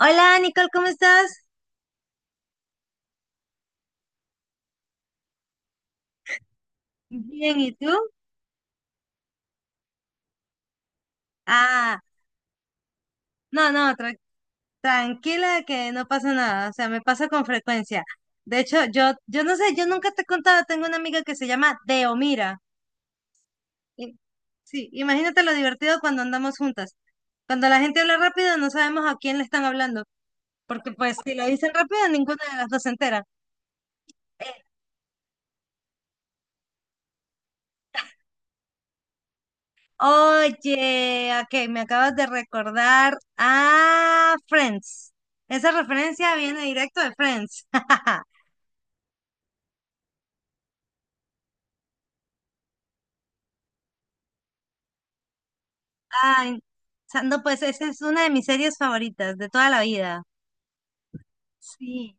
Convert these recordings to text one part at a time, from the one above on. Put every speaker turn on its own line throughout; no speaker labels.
Hola Nicole, ¿cómo estás? Bien, ¿y tú? Ah, no, no, tranquila que no pasa nada, o sea, me pasa con frecuencia. De hecho, yo no sé, yo nunca te he contado, tengo una amiga que se llama Deomira. Y- Sí, imagínate lo divertido cuando andamos juntas. Cuando la gente habla rápido, no sabemos a quién le están hablando, porque pues si lo dicen rápido, ninguna de las dos se entera. Eh, Oye, ah, ok, me acabas de recordar a Friends. Esa referencia viene directo de Friends. Ay, o sea, no, pues esa es una de mis series favoritas de toda la vida. Sí,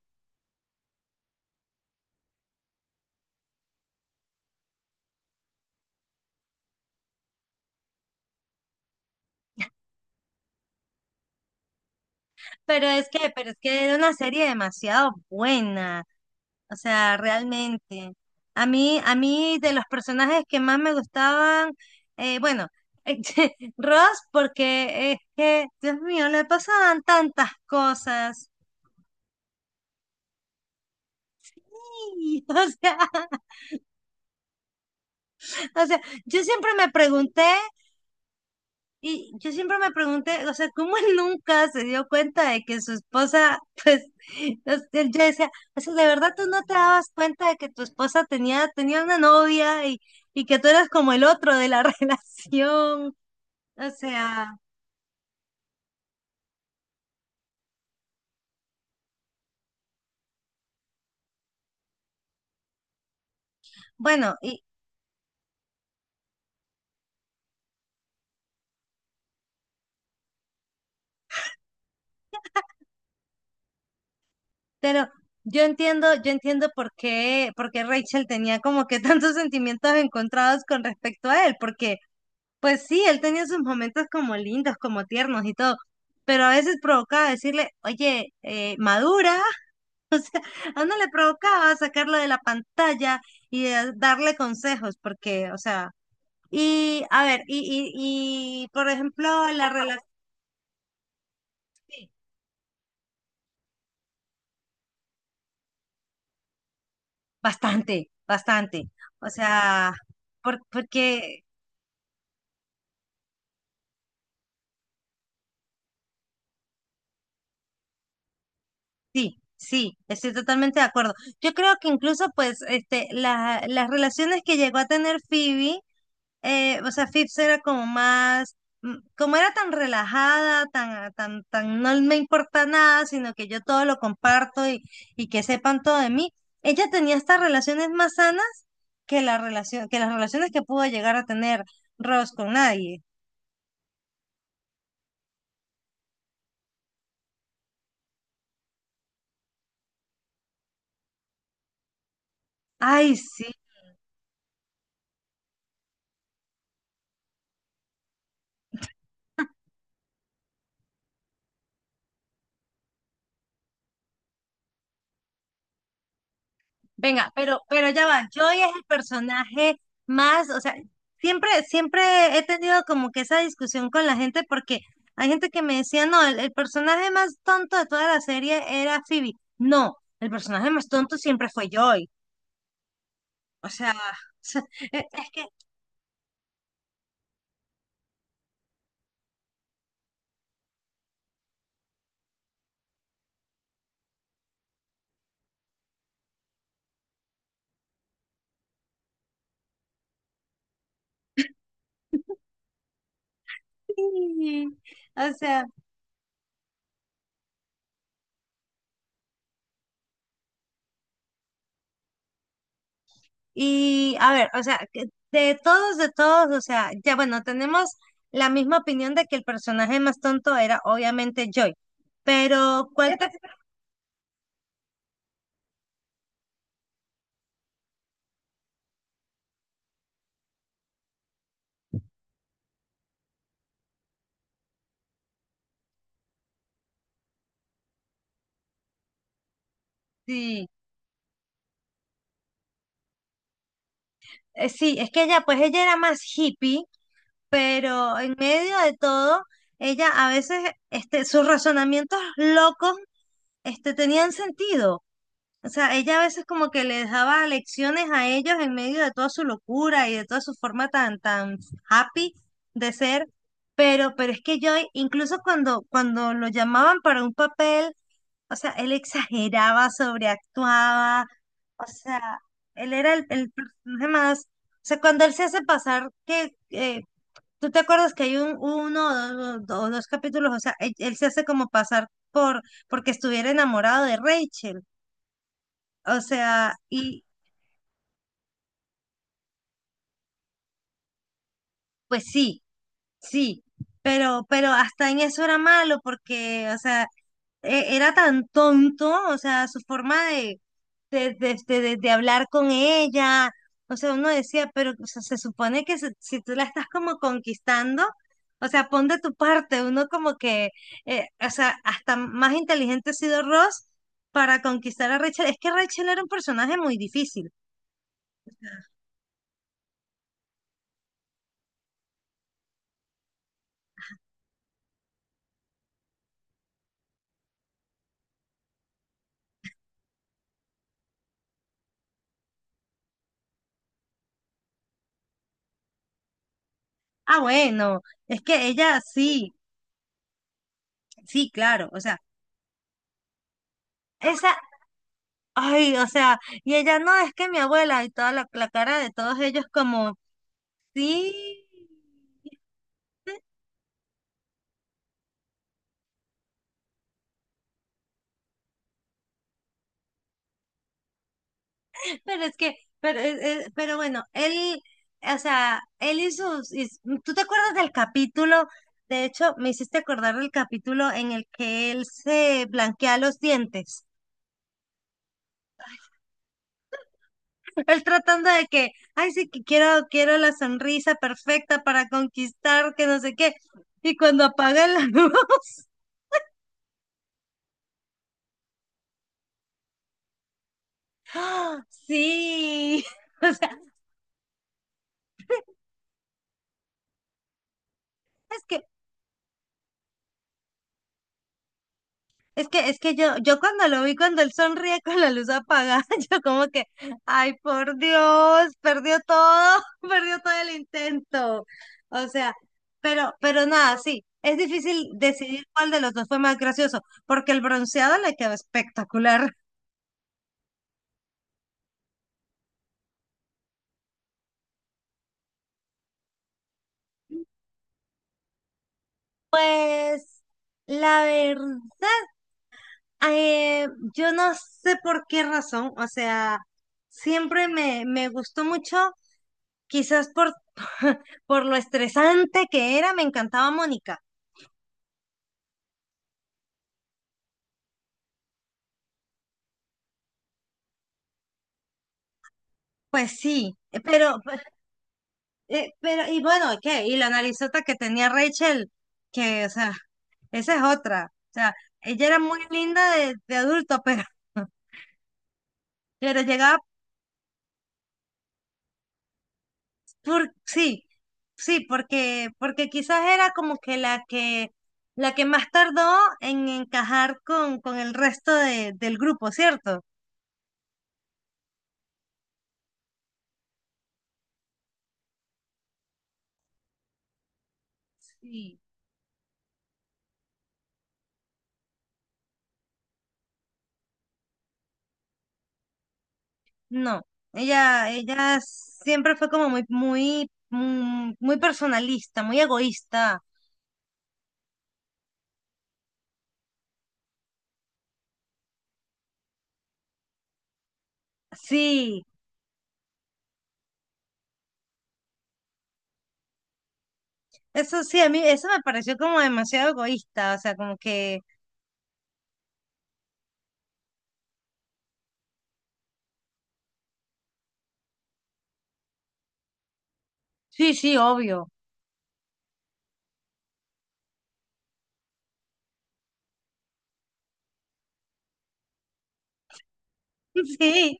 pero es que era una serie demasiado buena, o sea, realmente. A mí de los personajes que más me gustaban, bueno, Ross, porque es que, Dios mío, le pasaban tantas cosas. Sí, o sea, o sea, yo siempre me pregunté. Y yo siempre me pregunté, o sea, ¿cómo él nunca se dio cuenta de que su esposa, pues, yo decía, o sea, ¿de verdad tú no te dabas cuenta de que tu esposa tenía una novia y que tú eras como el otro de la relación? O sea, bueno, y, pero yo entiendo por qué Rachel tenía como que tantos sentimientos encontrados con respecto a él, porque pues sí, él tenía sus momentos como lindos, como tiernos y todo, pero a veces provocaba decirle, oye, madura, a uno le provocaba sacarlo de la pantalla y darle consejos, porque, o sea, y a ver, y por ejemplo, la relación, bastante, bastante, o sea, porque sí. Sí, estoy totalmente de acuerdo. Yo creo que incluso, pues, este, las relaciones que llegó a tener Phoebe, o sea, Phipps era como más, como era tan relajada, tan, no me importa nada, sino que yo todo lo comparto y que sepan todo de mí. Ella tenía estas relaciones más sanas que la relación, que las relaciones que pudo llegar a tener Ross con nadie. Ay, sí, venga, pero ya va, Joy es el personaje más, o sea, siempre, siempre he tenido como que esa discusión con la gente porque hay gente que me decía, no, el personaje más tonto de toda la serie era Phoebe. No, el personaje más tonto siempre fue Joy. O sea, o sea, es que sí, o sea, y a ver, o sea, que de todos, o sea, ya bueno, tenemos la misma opinión de que el personaje más tonto era obviamente Joy. Pero, ¿cuál te... sí, es que ella, pues ella era más hippie, pero en medio de todo, ella a veces, este, sus razonamientos locos, este, tenían sentido. O sea, ella a veces como que les daba lecciones a ellos en medio de toda su locura y de toda su forma tan, tan happy de ser. Pero es que yo, incluso cuando, cuando lo llamaban para un papel, o sea, él exageraba, sobreactuaba, o sea, él era el personaje más. O sea, cuando él se hace pasar, que tú te acuerdas que hay un uno o dos, o dos capítulos, o sea, él se hace como pasar por porque estuviera enamorado de Rachel. O sea, y pues sí, sí. Pero hasta en eso era malo, porque, o sea, era tan tonto, o sea, su forma de, de hablar con ella, o sea, uno decía, pero o sea, se supone que si, tú la estás como conquistando, o sea, pon de tu parte, uno como que, o sea, hasta más inteligente ha sido Ross para conquistar a Rachel, es que Rachel era un personaje muy difícil. Ah, bueno, es que ella sí, sí, claro, o sea, esa, ay, o sea, y ella no, es que mi abuela y toda la, la cara de todos ellos como sí, pero es que, pero, pero bueno, él, o sea, él y sus, ¿tú te acuerdas del capítulo? De hecho, me hiciste acordar del capítulo en el que él se blanquea los dientes. Él tratando de que, ay, sí, que quiero, quiero la sonrisa perfecta para conquistar, que no sé qué. Y cuando apaga la luz, ¡ah! Sí. O sea, es que es que, es que yo cuando lo vi, cuando él sonríe con la luz apagada, yo como que, ay, por Dios, perdió todo, perdió todo el intento. O sea, pero nada, sí, es difícil decidir cuál de los dos fue más gracioso, porque el bronceado le quedó espectacular. Pues, la verdad, yo no sé por qué razón, o sea, siempre me gustó mucho. Quizás por, por lo estresante que era, me encantaba Mónica. Pues sí, pero, pero, y bueno, ¿qué? Y la narizota que tenía Rachel, que, o sea, esa es otra. O sea, ella era muy linda de adulto, pero, pero llegaba por, sí, sí, porque, porque quizás era como que la que, la que más tardó en encajar con el resto del grupo, ¿cierto? Sí. No, ella siempre fue como muy, muy, muy personalista, muy egoísta. Sí, eso sí, a mí eso me pareció como demasiado egoísta, o sea, como que, sí, sí, obvio. Sí,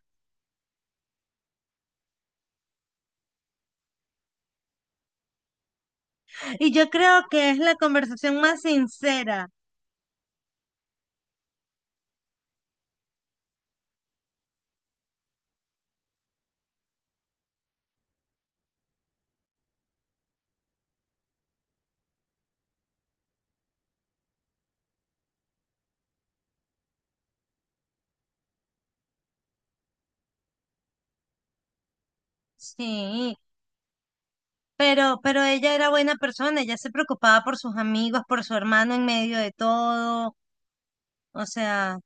y yo creo que es la conversación más sincera. Sí, pero ella era buena persona, ella se preocupaba por sus amigos, por su hermano en medio de todo, o sea,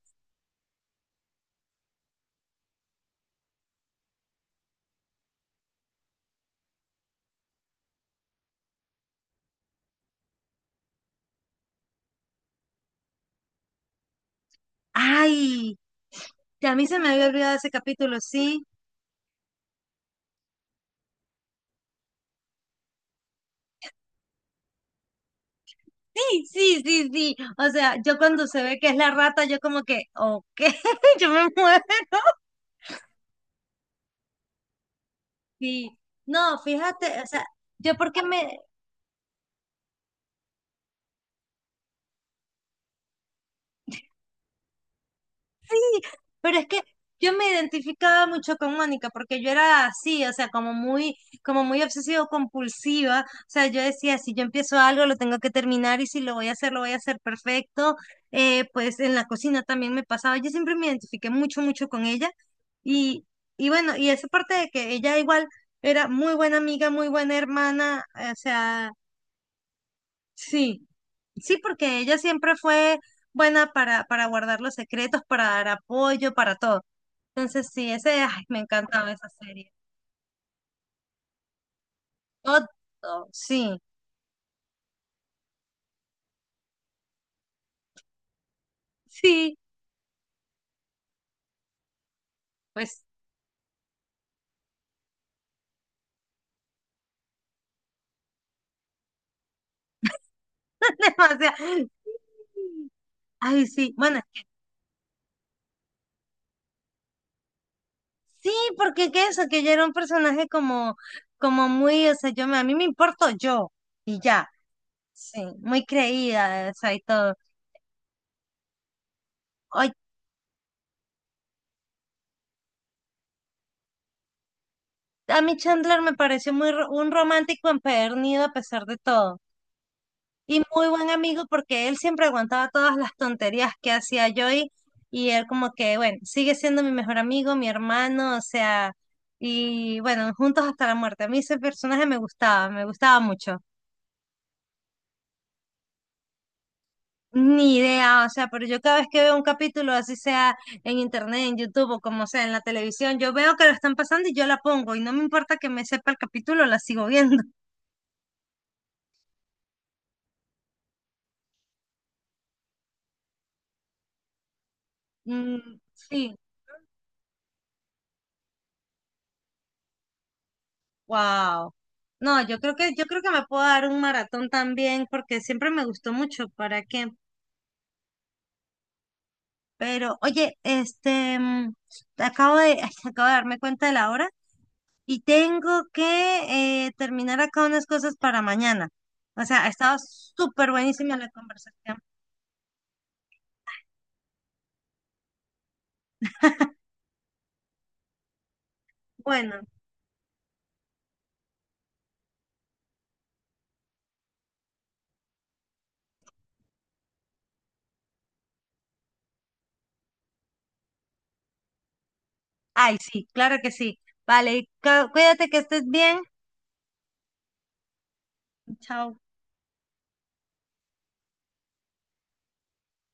ay, que a mí se me había olvidado ese capítulo, sí. Sí, sí, sí, sí. O sea, yo cuando se ve que es la rata, yo como que, ok, yo me muero. Sí. No, fíjate, o sea, yo porque me, pero es que yo me identificaba mucho con Mónica porque yo era así, o sea, como muy obsesivo compulsiva. O sea, yo decía, si yo empiezo algo, lo tengo que terminar y si lo voy a hacer, lo voy a hacer perfecto. Pues en la cocina también me pasaba. Yo siempre me identifiqué mucho, mucho con ella. Y, y bueno, y esa parte de que ella igual era muy buena amiga, muy buena hermana, o sea, sí, sí, porque ella siempre fue buena para guardar los secretos, para dar apoyo, para todo. Entonces sí, ese, ay, me encantaba esa serie. Otto, sí, sí, pues demasiado. Ay, sí, bueno, sí, porque que eso, que yo era un personaje como, como muy, o sea, yo me, a mí me importo yo y ya, sí, muy creída, o sea, y todo. Ay, a mí Chandler me pareció un romántico empedernido a pesar de todo. Y muy buen amigo porque él siempre aguantaba todas las tonterías que hacía yo y él como que, bueno, sigue siendo mi mejor amigo, mi hermano, o sea, y bueno, juntos hasta la muerte. A mí ese personaje me gustaba mucho. Ni idea, o sea, pero yo cada vez que veo un capítulo, así sea en internet, en YouTube o como sea en la televisión, yo veo que lo están pasando y yo la pongo y no me importa que me sepa el capítulo, la sigo viendo. Mm, sí. Wow. No, yo creo que me puedo dar un maratón también, porque siempre me gustó mucho, ¿para qué? Pero, oye, este, acabo de, acabo de darme cuenta de la hora y tengo que terminar acá unas cosas para mañana. O sea, ha estado súper buenísima la conversación. Bueno, ay, sí, claro que sí. Vale, cuídate que estés bien. Chao.